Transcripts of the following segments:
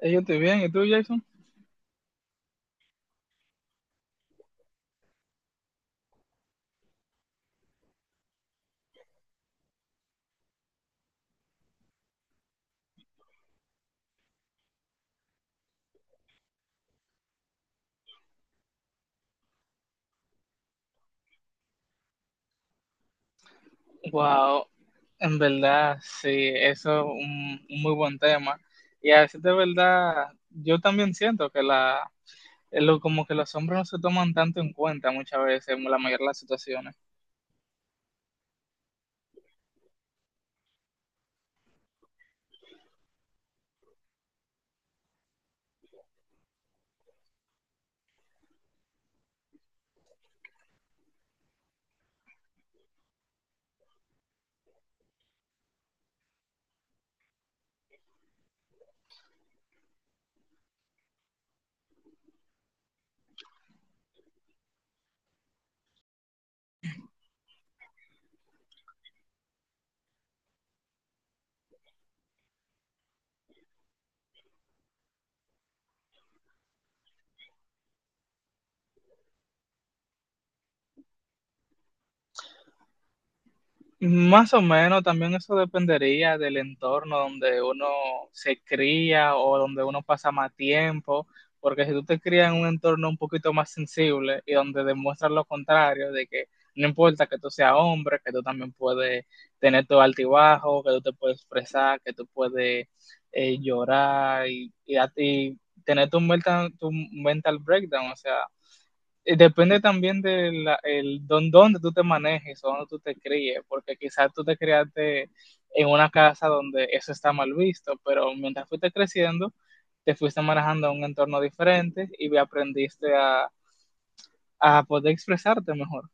Yo estoy bien, ¿y tú, Jason? Wow, en verdad, sí, eso es un muy buen tema. Y a veces de verdad, yo también siento que como que los hombres no se toman tanto en cuenta muchas veces en la mayoría de las situaciones. Más o menos, también eso dependería del entorno donde uno se cría o donde uno pasa más tiempo, porque si tú te crías en un entorno un poquito más sensible y donde demuestras lo contrario, de que no importa que tú seas hombre, que tú también puedes tener tu altibajo, que tú te puedes expresar, que tú puedes llorar a ti tener tu mental breakdown, o sea, depende también de dónde tú te manejes o dónde tú te críes, porque quizás tú te criaste en una casa donde eso está mal visto, pero mientras fuiste creciendo, te fuiste manejando en un entorno diferente y aprendiste a poder expresarte mejor.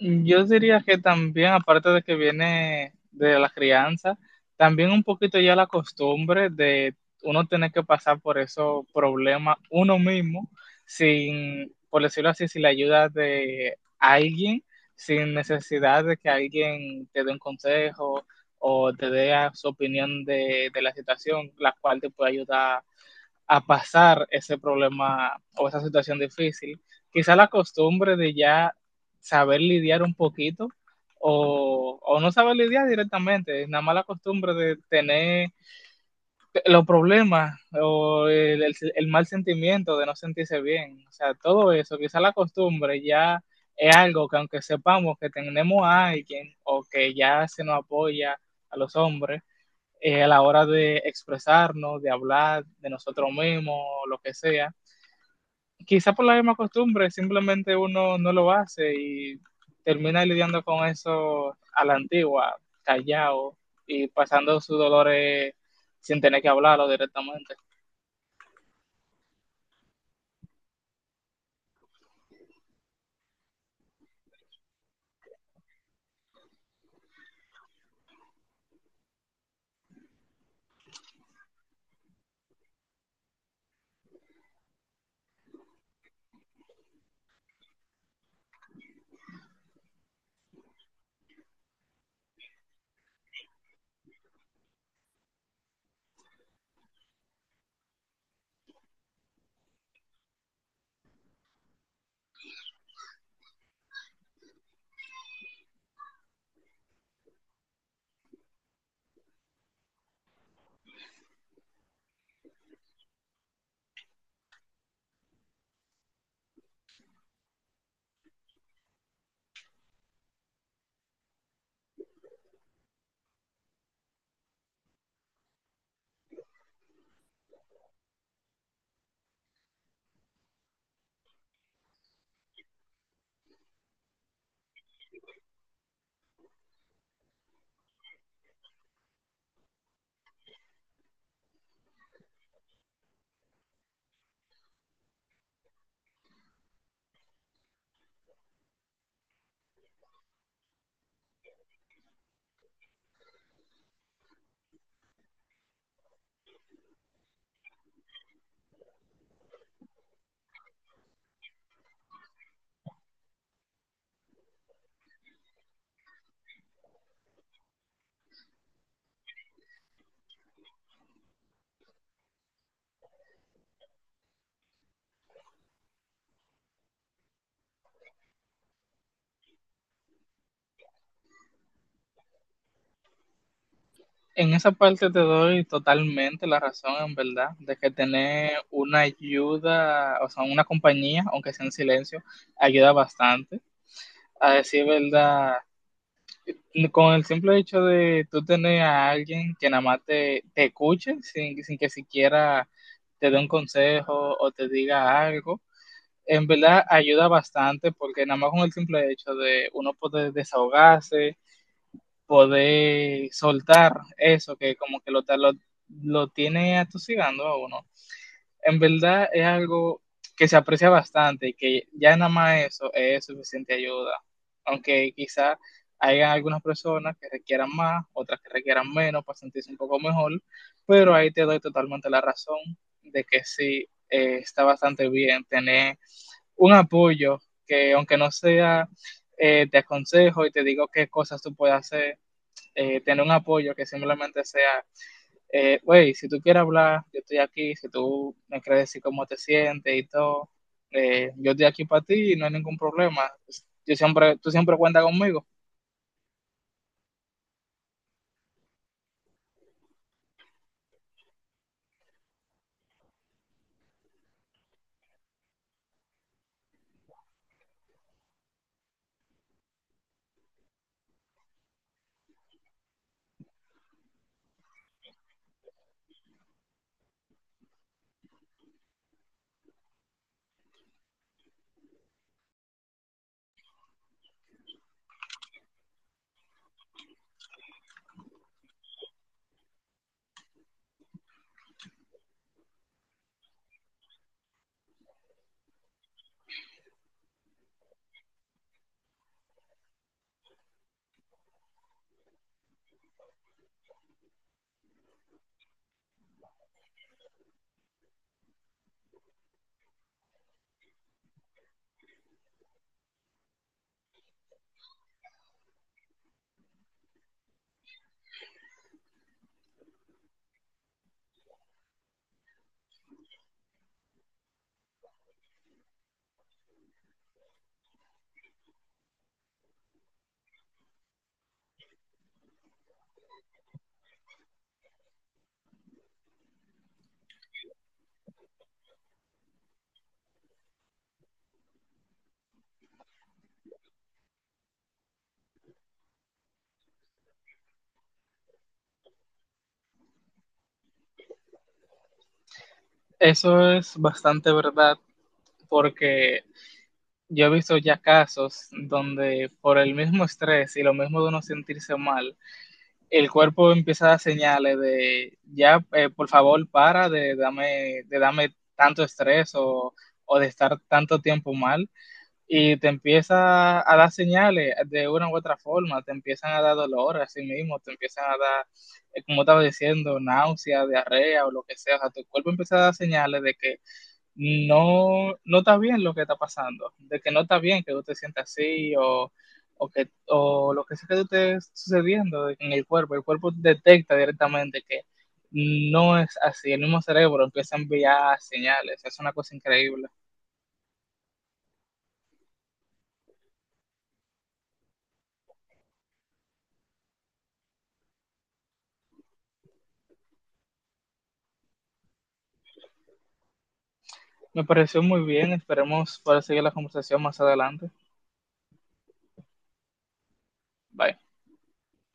Yo diría que también, aparte de que viene de la crianza, también un poquito ya la costumbre de uno tener que pasar por esos problemas uno mismo, sin, por decirlo así, sin la ayuda de alguien, sin necesidad de que alguien te dé un consejo o te dé su opinión de la situación, la cual te puede ayudar a pasar ese problema o esa situación difícil. Quizá la costumbre de ya saber lidiar un poquito o no saber lidiar directamente, es nada más la costumbre de tener los problemas o el mal sentimiento de no sentirse bien. O sea, todo eso, quizá la costumbre ya es algo que aunque sepamos que tenemos a alguien o que ya se nos apoya a los hombres, a la hora de expresarnos, de hablar de nosotros mismos, lo que sea. Quizá por la misma costumbre, simplemente uno no lo hace y termina lidiando con eso a la antigua, callado y pasando sus dolores sin tener que hablarlo directamente. En esa parte te doy totalmente la razón, en verdad, de que tener una ayuda, o sea, una compañía, aunque sea en silencio, ayuda bastante. A decir verdad, con el simple hecho de tú tener a alguien que nada más te escuche sin que siquiera te dé un consejo o te diga algo, en verdad ayuda bastante porque nada más con el simple hecho de uno poder desahogarse, poder soltar eso que como que lo tiene atosigando a uno, en verdad es algo que se aprecia bastante y que ya nada más eso es suficiente ayuda, aunque quizá hayan algunas personas que requieran más, otras que requieran menos para sentirse un poco mejor, pero ahí te doy totalmente la razón de que sí, está bastante bien tener un apoyo que aunque no sea te aconsejo y te digo qué cosas tú puedes hacer, tener un apoyo que simplemente sea güey, si tú quieres hablar, yo estoy aquí, si tú me quieres decir cómo te sientes y todo, yo estoy aquí para ti y no hay ningún problema. Yo siempre, tú siempre cuentas conmigo. Eso es bastante verdad porque yo he visto ya casos donde por el mismo estrés y lo mismo de uno sentirse mal, el cuerpo empieza a dar señales de ya, por favor, para de darme, de dame tanto estrés o de estar tanto tiempo mal y te empieza a dar señales de una u otra forma, te empiezan a dar dolor a sí mismo, te empiezan a dar, como estaba diciendo, náusea, diarrea o lo que sea. O sea, tu cuerpo empieza a dar señales de que no, no está bien lo que está pasando, de que no está bien que tú te sientas así o, que, o lo que sea que te esté sucediendo en el cuerpo detecta directamente que no es así, el mismo cerebro empieza a enviar señales, es una cosa increíble. Me pareció muy bien. Esperemos para seguir la conversación más adelante. Bye.